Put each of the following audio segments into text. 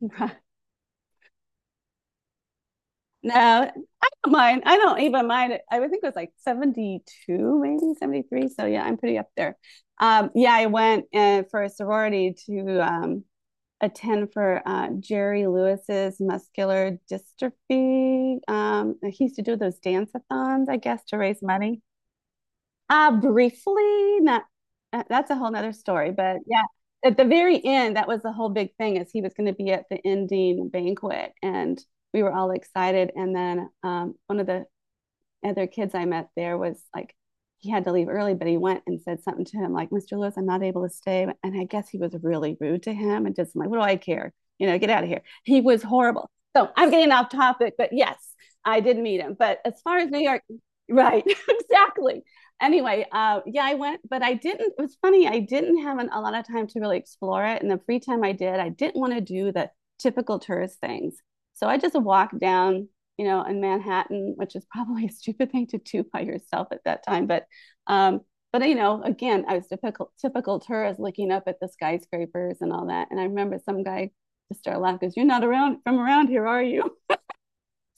Right. No, I don't mind. I don't even mind it. I would think it was like 72, maybe 73. So yeah, I'm pretty up there. Yeah, I went for a sorority to attend for Jerry Lewis's muscular dystrophy. He used to do those dance-a-thons, I guess, to raise money. Briefly, not that's a whole nother story, but yeah, at the very end, that was the whole big thing is he was going to be at the ending banquet and we were all excited. And then one of the other kids I met there was like he had to leave early, but he went and said something to him like, Mr. Lewis, I'm not able to stay. And I guess he was really rude to him and just like, what do I care? Get out of here. He was horrible. So I'm getting off topic, but yes, I did meet him. But as far as New York, right, exactly. Anyway, yeah, I went, but I didn't. It was funny. I didn't have an, a lot of time to really explore it. And the free time I did, I didn't want to do the typical tourist things. So I just walked down in Manhattan, which is probably a stupid thing to do by yourself at that time. Um, but again, I was typical tourist looking up at the skyscrapers and all that. And I remember some guy just started laughing because you're not around from around here, are you?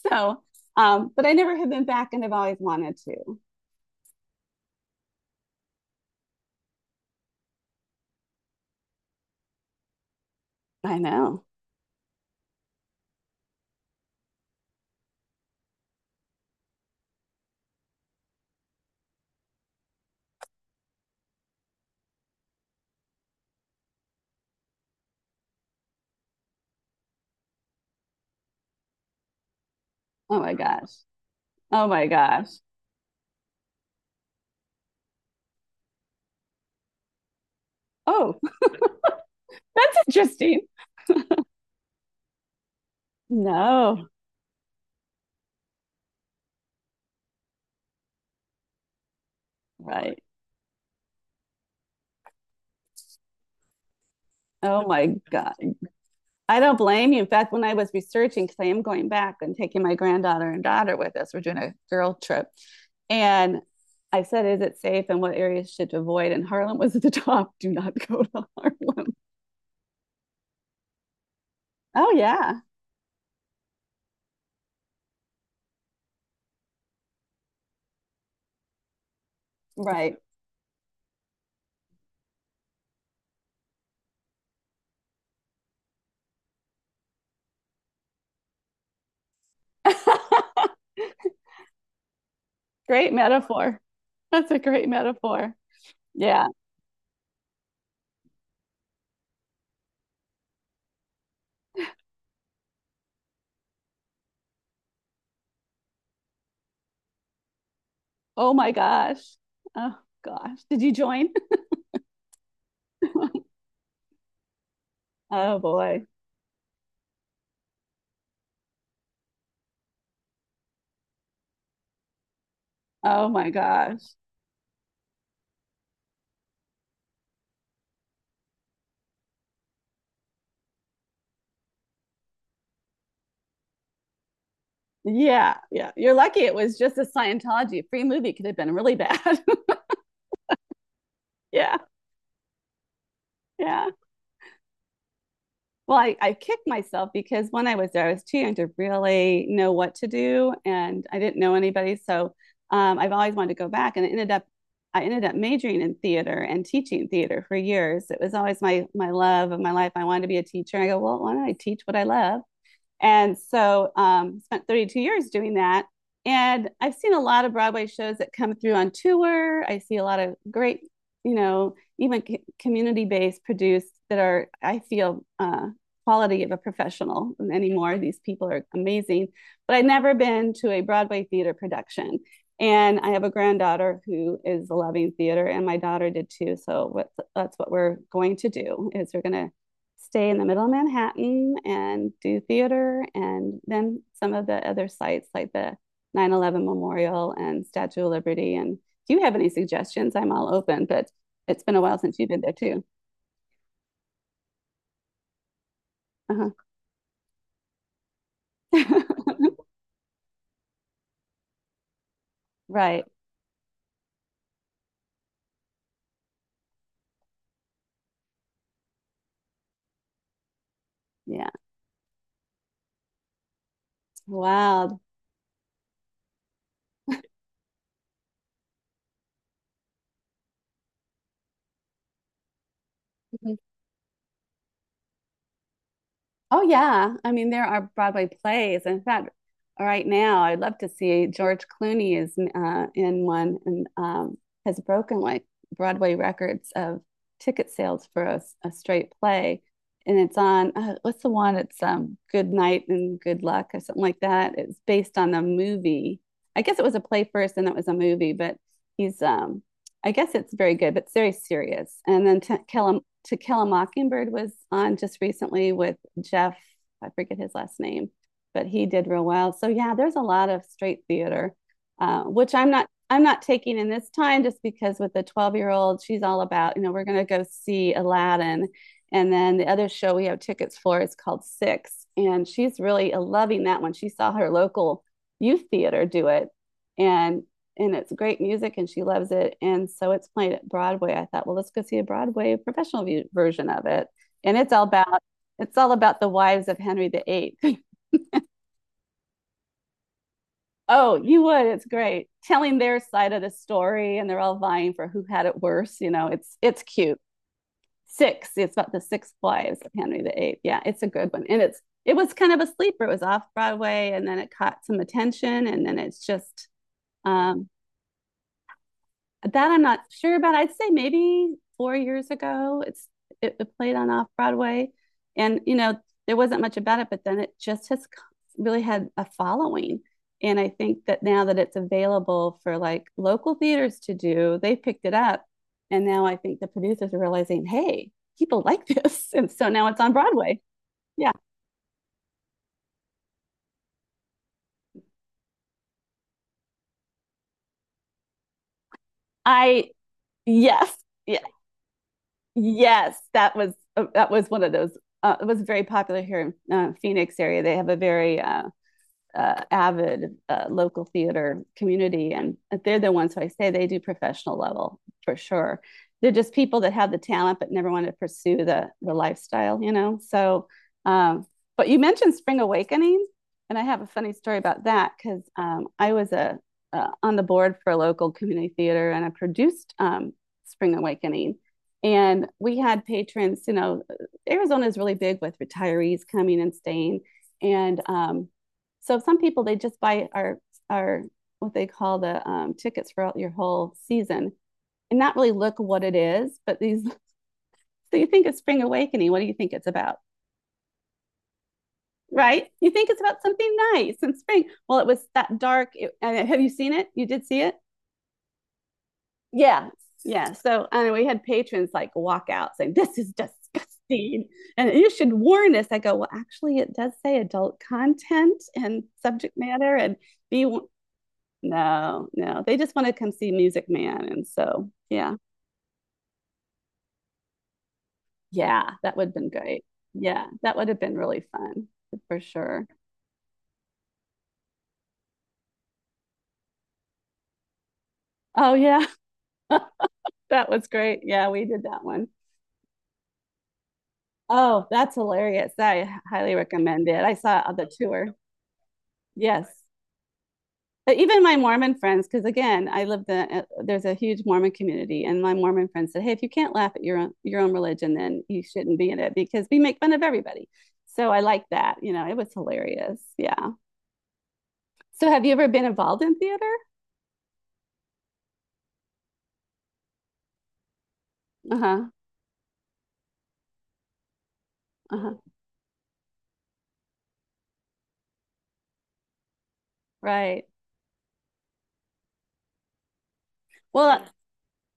So, but I never have been back, and I've always wanted to. I know. Oh my gosh. Oh my gosh. Oh, that's interesting. No, right. Oh my god. I don't blame you. In fact, when I was researching, because I am going back and taking my granddaughter and daughter with us, we're doing a girl trip. And I said, is it safe and what areas should avoid? And Harlem was at the top. Do not go to Harlem. Oh, yeah. Right. Great metaphor. That's a great metaphor. Yeah. Oh, my gosh. Oh, gosh. Did you join? Oh, boy. Oh, my gosh. Yeah. Yeah. You're lucky it was just a Scientology free movie, could have been really bad. Yeah. Yeah. Well, I kicked myself because when I was there, I was too young to really know what to do and I didn't know anybody. So I've always wanted to go back and it ended up I ended up majoring in theater and teaching theater for years. It was always my love of my life. I wanted to be a teacher. I go, well, why don't I teach what I love? And so spent 32 years doing that. And I've seen a lot of Broadway shows that come through on tour. I see a lot of great, even community based produced that are, I feel, quality of a professional anymore. These people are amazing. But I've never been to a Broadway theater production. And I have a granddaughter who is loving theater, and my daughter did too. So what, that's what we're going to do is we're going to stay in the middle of Manhattan and do theater. And then some of the other sites like the 9/11 Memorial and Statue of Liberty. And if you have any suggestions, I'm all open, but it's been a while since you've been there too. Uh-huh. Right. Yeah. Wow. Oh yeah. I mean, there are Broadway plays. In fact, right now, I'd love to see George Clooney is in one and has broken like Broadway records of ticket sales for a straight play. And it's on what's the one? It's Good Night and Good Luck or something like that. It's based on a movie. I guess it was a play first and it was a movie, but he's I guess it's very good, but it's very serious. And then to Kill a Mockingbird was on just recently with Jeff. I forget his last name, but he did real well. So yeah, there's a lot of straight theater, which I'm not taking in this time just because with the 12-year-old, she's all about you know we're going to go see Aladdin, and then the other show we have tickets for is called Six, and she's really loving that one. She saw her local youth theater do it, and it's great music and she loves it. And so it's played at Broadway. I thought, well, let's go see a Broadway professional version of it. And it's all about the wives of Henry the Eighth. Oh, you would. It's great. Telling their side of the story and they're all vying for who had it worse, you know. It's cute. 6. It's about the six wives of Henry the Eighth. Yeah, it's a good one. And it was kind of a sleeper. It was off Broadway and then it caught some attention and then it's just um that I'm not sure about. I'd say maybe 4 years ago. It played on off Broadway, and you know there wasn't much about it, but then it just has really had a following. And I think that now that it's available for like local theaters to do, they picked it up, and now I think the producers are realizing, hey, people like this, and so now it's on Broadway. Yeah, I yes, yeah, Yes, that was one of those. It was very popular here in Phoenix area. They have a very avid local theater community, and they're the ones who I say they do professional level for sure. They're just people that have the talent but never want to pursue the lifestyle, you know. So, um, but you mentioned Spring Awakening, and I have a funny story about that because I was a on the board for a local community theater, and I produced Spring Awakening. And we had patrons, you know, Arizona is really big with retirees coming and staying. And so some people they just buy our what they call the tickets for your whole season and not really look what it is. But these, so you think it's spring awakening? What do you think it's about? Right? You think it's about something nice and spring. Well, it was that dark. Have you seen it? You did see it? Yeah, yeah. So and we had patrons like walk out saying this is disgusting, and you should warn us. I go, well, actually, it does say adult content and subject matter, and be no, no. They just want to come see Music Man. And so, yeah, yeah, that would have been great. Yeah, that would have been really fun for sure. Oh, yeah, that was great. Yeah, we did that one. Oh, that's hilarious. I highly recommend it. I saw it on the tour. Yes. But even my Mormon friends, because again, I live the there's a huge Mormon community, and my Mormon friends said, "Hey, if you can't laugh at your own religion, then you shouldn't be in it because we make fun of everybody." So I like that. You know, it was hilarious. Yeah. So have you ever been involved in theater? Uh-huh. Uh-huh. Right. Well,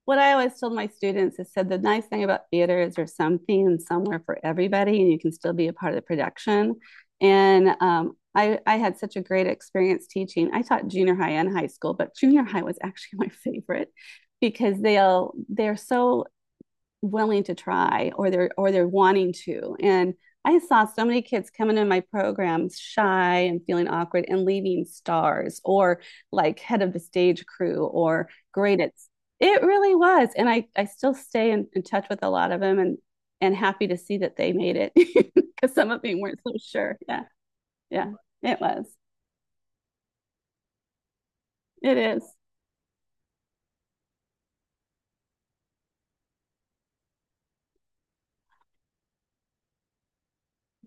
what I always told my students is said the nice thing about theater is there's something and somewhere for everybody, and you can still be a part of the production. And I had such a great experience teaching. I taught junior high and high school, but junior high was actually my favorite because they're so willing to try or they're wanting to and I saw so many kids coming in my programs shy and feeling awkward and leaving stars or like head of the stage crew or great at it really was and i still stay in touch with a lot of them and happy to see that they made it because some of them weren't so sure yeah yeah it was it is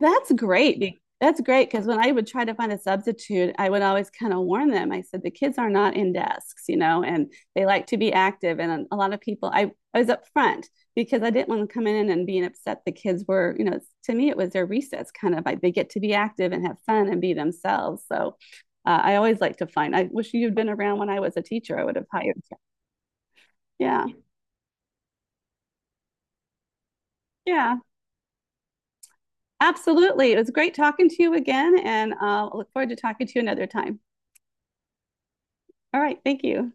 That's great. That's great because when I would try to find a substitute, I would always kind of warn them. I said, the kids are not in desks, you know, and they like to be active. And a lot of people, I was up front because I didn't want to come in and being upset the kids were, you know, to me, it was their recess kind of like they get to be active and have fun and be themselves. So I always like to find, I wish you'd been around when I was a teacher. I would have hired you. Yeah. Yeah. Absolutely. It was great talking to you again. And I look forward to talking to you another time. All right. Thank you.